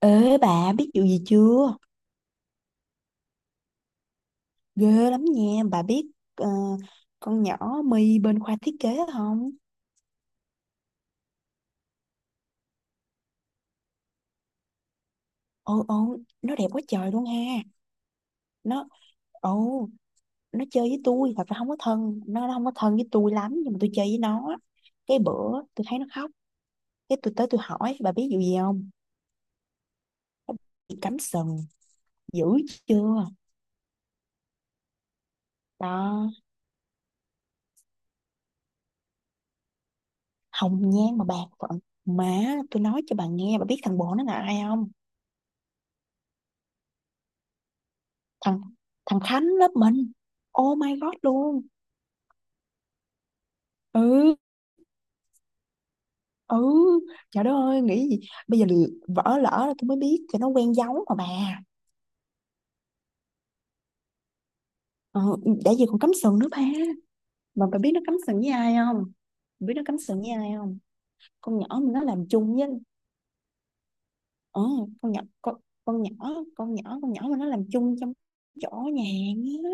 Ê bà biết vụ gì chưa? Ghê lắm nha, bà biết ờ, con nhỏ My bên khoa thiết kế không? Ồ ồ, Nó đẹp quá trời luôn ha. Nó ồ, nó chơi với tôi, thật ra không có thân, nó không có thân với tôi lắm nhưng mà tôi chơi với nó. Cái bữa tôi thấy nó khóc, cái tôi tới tôi hỏi bà biết vụ gì không? Nó bị cắm sừng dữ chưa? Đó, hồng nhan mà bạc phận. Má, tôi nói cho bà nghe, bà biết thằng bồ nó là ai không? Thằng Thằng Khánh lớp mình. Oh my god luôn. Ừ ừ trời đất ơi nghĩ gì bây giờ. Vỡ lỡ là tôi mới biết, cho nó quen giấu mà bà. Ừ, đã gì còn cắm sừng nữa ba. Mà bà biết nó cắm sừng với ai không? Bà biết nó cắm sừng với ai không? Con nhỏ mà nó làm chung với. Ừ, con nhỏ con, con nhỏ con nhỏ con nhỏ mà nó làm chung trong chỗ nhà á.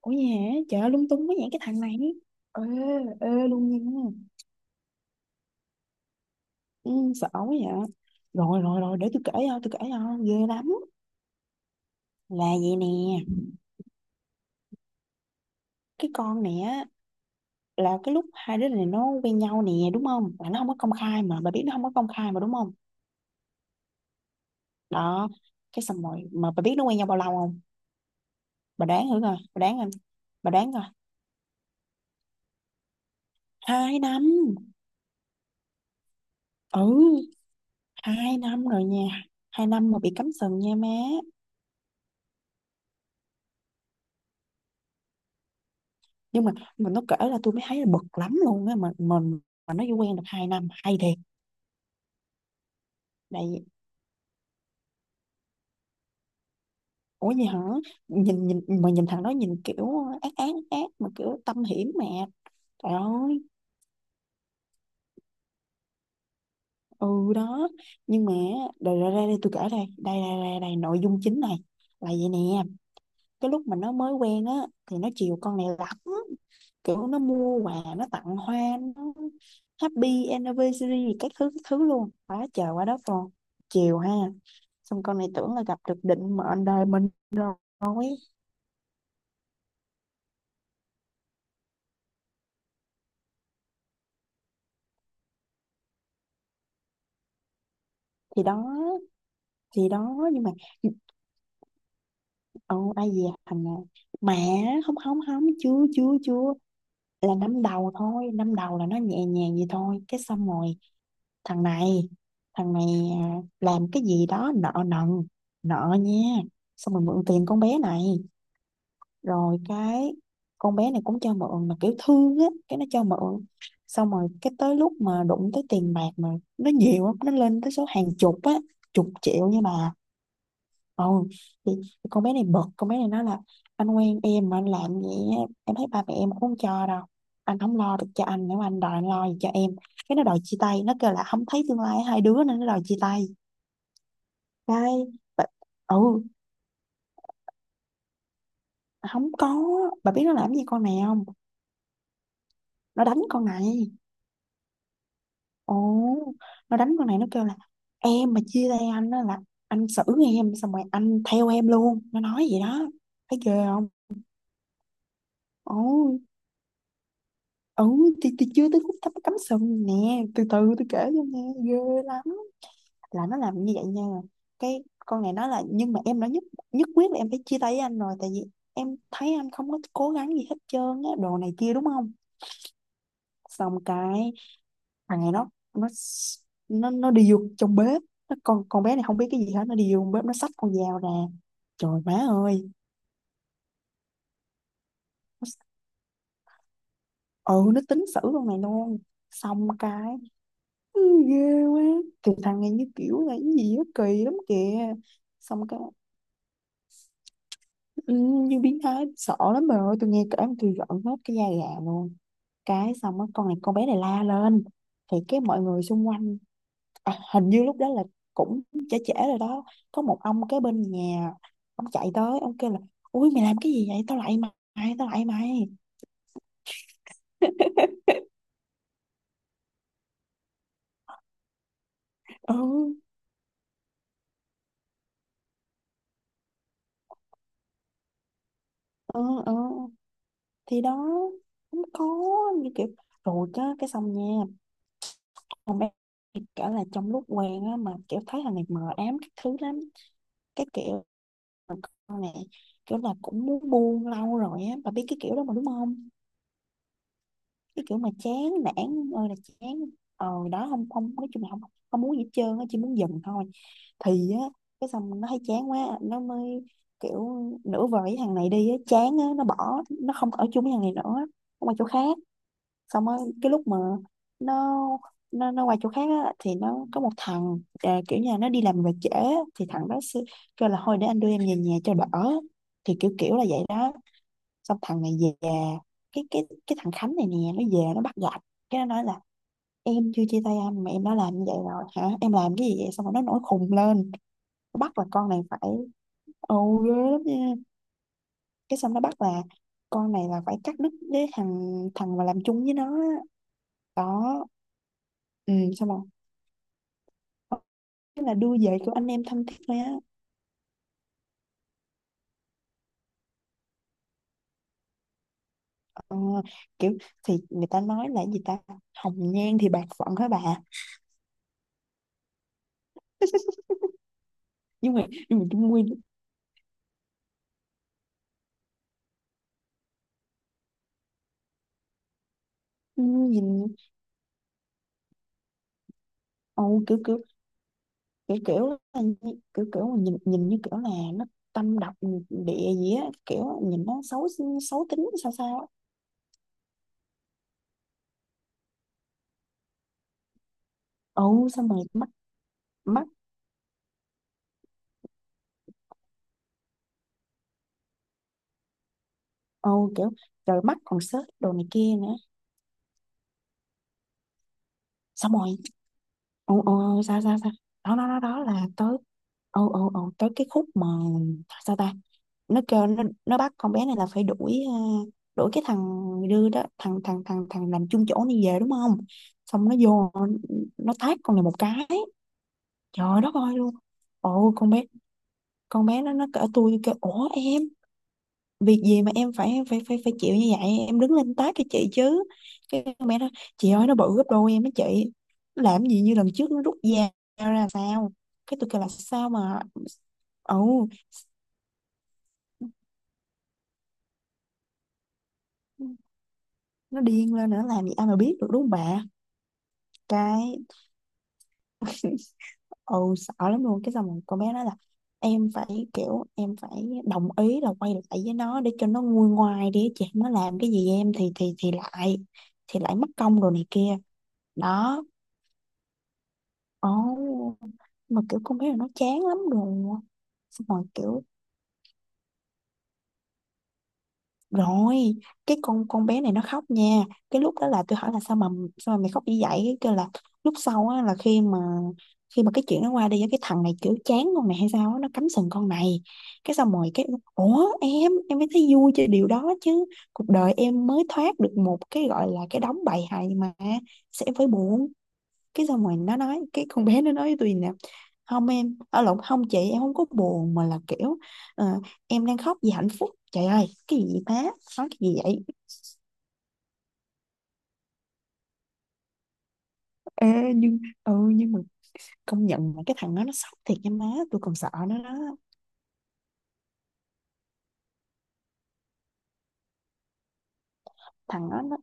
Ủa nhà. Trời ơi, lung tung quá vậy cái thằng này. Ê, ê luôn nha. Ừ, sợ quá vậy. Rồi rồi rồi để tôi kể cho, tôi kể cho, ghê lắm. Là vậy nè, cái con này á, là cái lúc hai đứa này nó quen nhau nè đúng không, là nó không có công khai mà bà biết, nó không có công khai mà đúng không? Đó, cái xong rồi mà bà biết nó quen nhau bao lâu không? Bà đoán thử coi, bà đoán coi, bà đoán coi. 2 năm. Ừ, 2 năm rồi nha, 2 năm mà bị cắm sừng nha má. Nhưng mà mình nó kể là tôi mới thấy là bực lắm luôn á, mà mình, mà nó chỉ quen được 2 năm hay thiệt. Đây. Ủa vậy hả? Nhìn nhìn mà nhìn thằng đó nhìn kiểu ác ác, ác mà kiểu tâm hiểm mà. Trời ơi. Ừ đó. Nhưng mà đây ra đây, đây tôi kể đây. Đây đây đây đây nội dung chính này, là vậy nè. Cái lúc mà nó mới quen á thì nó chiều con này lắm. Kiểu nó mua quà, nó tặng hoa, nó happy anniversary các thứ luôn. Quá trời quá đất luôn. Chiều ha. Xong con này tưởng là gặp được định mệnh đời mình rồi. Thì đó, thì đó nhưng mà. Ồ, ai về hành à? Mà không không không, chưa chưa chưa, là năm đầu thôi, năm đầu là nó nhẹ nhàng vậy thôi cái xong rồi. Thằng này thằng này làm cái gì đó nợ nần, nợ nha, xong rồi mượn tiền con bé này. Rồi cái con bé này cũng cho mượn mà kiểu thương á cái nó cho mượn. Xong rồi cái tới lúc mà đụng tới tiền bạc mà nó nhiều lắm, nó lên tới số hàng chục á, chục triệu nha bà. Ồ, thì thì con bé này bực, con bé này nói là anh quen em mà anh làm vậy á, em thấy ba mẹ em cũng không cho đâu. Anh không lo được cho anh, nếu mà anh đòi anh lo gì cho em. Cái nó đòi chia tay, nó kêu là không thấy tương lai hai đứa nên nó đòi chia tay. Cái, bà, ừ, không có, bà biết nó làm gì con này không? Nó đánh con này. Ồ, nó đánh con này, nó kêu là em mà chia tay anh á là anh xử em, xong rồi anh theo em luôn. Nó nói vậy đó, thấy ghê không? Ồ, ừ thì chưa tới khúc cắm cắm sừng nè, từ từ tôi kể cho nghe, ghê lắm. Là nó làm như vậy nha. Cái con này nói là nhưng mà em đã nhất nhất quyết là em phải chia tay với anh rồi, tại vì em thấy anh không có cố gắng gì hết trơn á đồ này kia đúng không. Xong cái thằng này nó đi vô trong bếp, nó, con bé này không biết cái gì hết, nó đi vô trong bếp nó xách con dao ra, trời má ơi. Nó, ừ nó tính xử con này luôn. Xong cái, ừ, ghê quá. Từ thằng này như kiểu là cái gì đó kỳ lắm kìa. Xong cái, ừ, như biến thái sợ lắm bà ơi, tôi nghe kể mà tôi giận hết cái da gà luôn. Cái xong á con này, con bé này la lên thì cái mọi người xung quanh, à, hình như lúc đó là cũng trễ trễ rồi đó, có một ông cái bên nhà, ông chạy tới ông kêu là ui mày làm cái gì vậy tao lại mày, tao lại mày. Ừ ừ ừ, thì đó, không có, như kiểu, rồi á cái xong nha. Không, em cả là trong lúc quen á mà kiểu thấy thằng này mờ ám các thứ lắm, cái kiểu mà con này kiểu là cũng muốn buông lâu rồi á, bà biết cái kiểu đó mà đúng không. Cái kiểu mà chán nản ơi là chán. Ờ đó, không không, nói chung là không không muốn gì hết trơn á, chỉ muốn dừng thôi. Thì á cái xong nó thấy chán quá nó mới kiểu nửa vời với thằng này đi á, chán á, nó bỏ, nó không ở chung với thằng này nữa, nó qua chỗ khác. Xong á cái lúc mà nó nó qua chỗ khác á, thì nó có một thằng, à, kiểu như là nó đi làm về trễ á, thì thằng đó sẽ kêu là thôi để anh đưa em về nhà cho đỡ, thì kiểu kiểu là vậy đó. Xong thằng này về, cái thằng Khánh này nè nó về nó bắt gặp, cái nó nói là em chưa chia tay anh mà em đã làm như vậy rồi hả, em làm cái gì vậy, xong rồi nó nổi khùng lên. Nó bắt là con này phải, ồ, ghê lắm nha. Cái xong nó bắt là con này là phải cắt đứt với thằng thằng mà làm chung với nó á. Có, ừ, xong rồi. Thế là đưa về của anh em thân thiết thôi á. Ờ, kiểu, thì người ta nói là gì ta, hồng nhan thì bạc phận hả bà. Nhưng mà Trung Nguyên. Nhìn, ồ kiểu kiểu, kiểu kiểu mà nhìn nhìn như kiểu là nó tâm độc, ừ, địa gì á, kiểu nhìn nó xấu, xấu tính sao sao á. Ồ xong rồi mắt, mắt, ồ kiểu, trời mắt còn xếp đồ này kia nữa. Xong rồi. Ồ ồ sao sao sao. Đó đó đó đó là tới, ồ ồ ồ tới cái khúc mà, sao ta. Nó kêu nó bắt con bé này là phải đuổi, à, đuổi cái thằng đưa đó, thằng thằng thằng thằng làm chung chỗ này về đúng không. Xong nó vô nó tát con này một cái, trời đất ơi luôn. Ồ con bé, con bé nó cỡ tôi kêu ủa em việc gì mà em phải phải phải phải chịu như vậy, em đứng lên tát cái chị chứ. Cái mẹ nó chị ơi nó bự gấp đôi em á chị. Nó làm gì như lần trước nó rút dao ra sao. Cái tôi kêu là sao mà, ừ nó điên lên nữa làm gì ai mà biết được đúng không bà. Cái, ừ sợ lắm luôn. Cái xong rồi con bé nói là em phải kiểu em phải đồng ý là quay lại với nó để cho nó nguôi ngoai đi chị, nó làm cái gì em thì lại, thì lại mất công rồi này kia. Đó, ồ, mà kiểu con bé này nó chán lắm rồi. Xong rồi kiểu, rồi cái con bé này nó khóc nha. Cái lúc đó là tôi hỏi là sao mà, sao mà mày khóc như vậy, cái kêu là lúc sau á, là khi mà, khi mà cái chuyện nó qua đi á, cái thằng này kiểu chán con này hay sao á, nó cắm sừng con này. Cái xong rồi cái, ủa em mới thấy vui cho điều đó chứ, cuộc đời em mới thoát được một cái gọi là cái đống bầy hày mà, sẽ em phải buồn. Cái xong rồi nó nói, cái con bé nó nói với tôi nè, không em ở lộn không chị, em không có buồn mà là kiểu, ờ, em đang khóc vì hạnh phúc. Trời ơi cái gì vậy má, nói cái gì vậy. Ê, nhưng ừ nhưng mà công nhận là cái thằng đó nó sốc thiệt nha má, tôi còn sợ nó đó. Thằng đó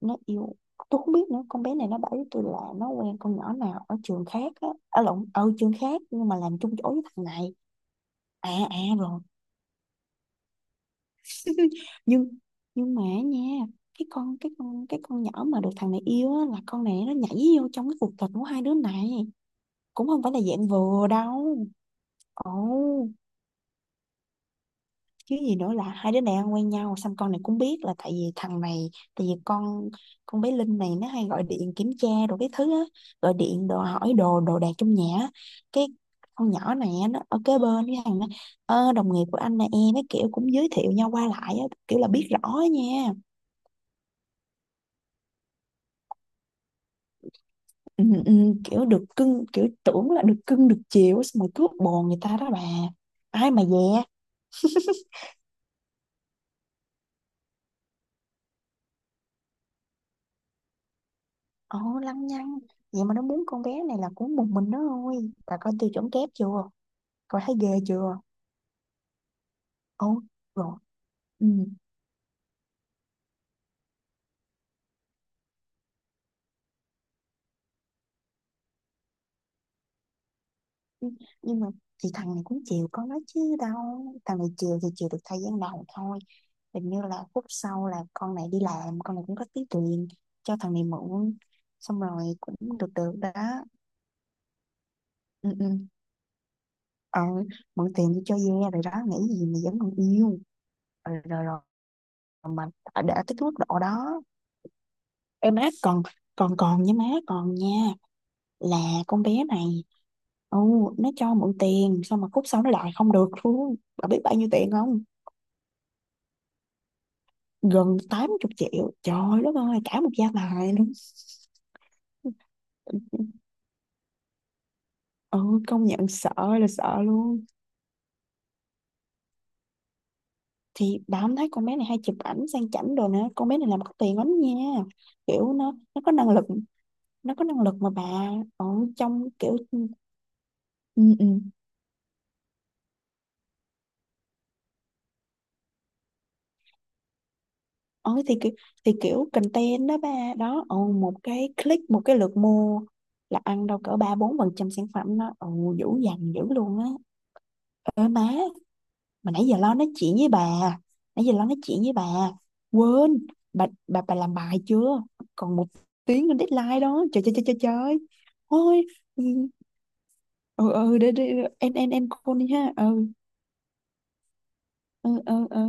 nó yêu, tôi không biết nữa, con bé này nó bảo với tôi là nó quen con nhỏ nào ở trường khác á, ở lộn, ở trường khác nhưng mà làm chung chỗ với thằng này. À à rồi. nhưng nhưng mà nha, cái con nhỏ mà được thằng này yêu á, là con này nó nhảy vô trong cái cuộc tình của hai đứa này cũng không phải là dạng vừa đâu. Ồ, chứ gì nữa, là hai đứa này ăn quen nhau xong con này cũng biết là tại vì thằng này, tại vì con bé Linh này nó hay gọi điện kiểm tra đồ cái thứ á, gọi điện đồ hỏi đồ đồ đạc trong nhà á. Cái con nhỏ này á, nó ở kế bên với thằng nó. "Ơ, đồng nghiệp của anh nè em," cái kiểu cũng giới thiệu nhau qua lại á, kiểu là biết rõ á nha. ừ, ừ, kiểu được cưng, kiểu tưởng là được cưng được chiều xong rồi cướp bồ người ta đó bà, ai mà dè. Ồ lăng nhăng, vậy mà nó muốn con bé này là cũng một mình nó thôi, bà coi tiêu chuẩn kép chưa, coi thấy ghê chưa. Ồ rồi. Ừ. nhưng nhưng mà chị, thằng này cũng chiều con nó chứ đâu, thằng này chiều thì chiều được thời gian đầu thôi, hình như là phút sau là con này đi làm, con này cũng có tí tiền cho thằng này mượn, xong rồi cũng được được đó. ừ, ừ. ờ Mượn tiền đi cho ve rồi đó, nghĩ gì mà vẫn còn yêu. Ờ, rồi rồi, rồi mà đã tới cái mức độ đó, em má còn còn còn nha má còn nha. Là con bé này, ừ nó cho mượn tiền xong mà khúc sau nó đòi không được luôn. Bà biết bao nhiêu tiền không? Gần 80 triệu, trời đất ơi cả một gia tài luôn. Ừ công nhận sợ, là sợ luôn. Thì bà không thấy con bé này hay chụp ảnh sang chảnh đồ nữa, con bé này làm có tiền lắm nha. Kiểu nó có năng lực, nó có năng lực mà bà, ở trong kiểu. ừ, ừ. Ờ, thì kiểu, thì kiểu content đó ba đó, ừ, một cái click, một cái lượt mua là ăn đâu cỡ 3 4 % sản phẩm đó, ừ, dữ dằn dữ luôn á. Ơ má, mà nãy giờ lo nói chuyện với bà nãy giờ lo nói chuyện với bà quên. Bà làm bài chưa? Còn 1 tiếng lên deadline đó, trời trời trời trời trời. Thôi ừ ừ, để, em call đi ha. Ừ ừ.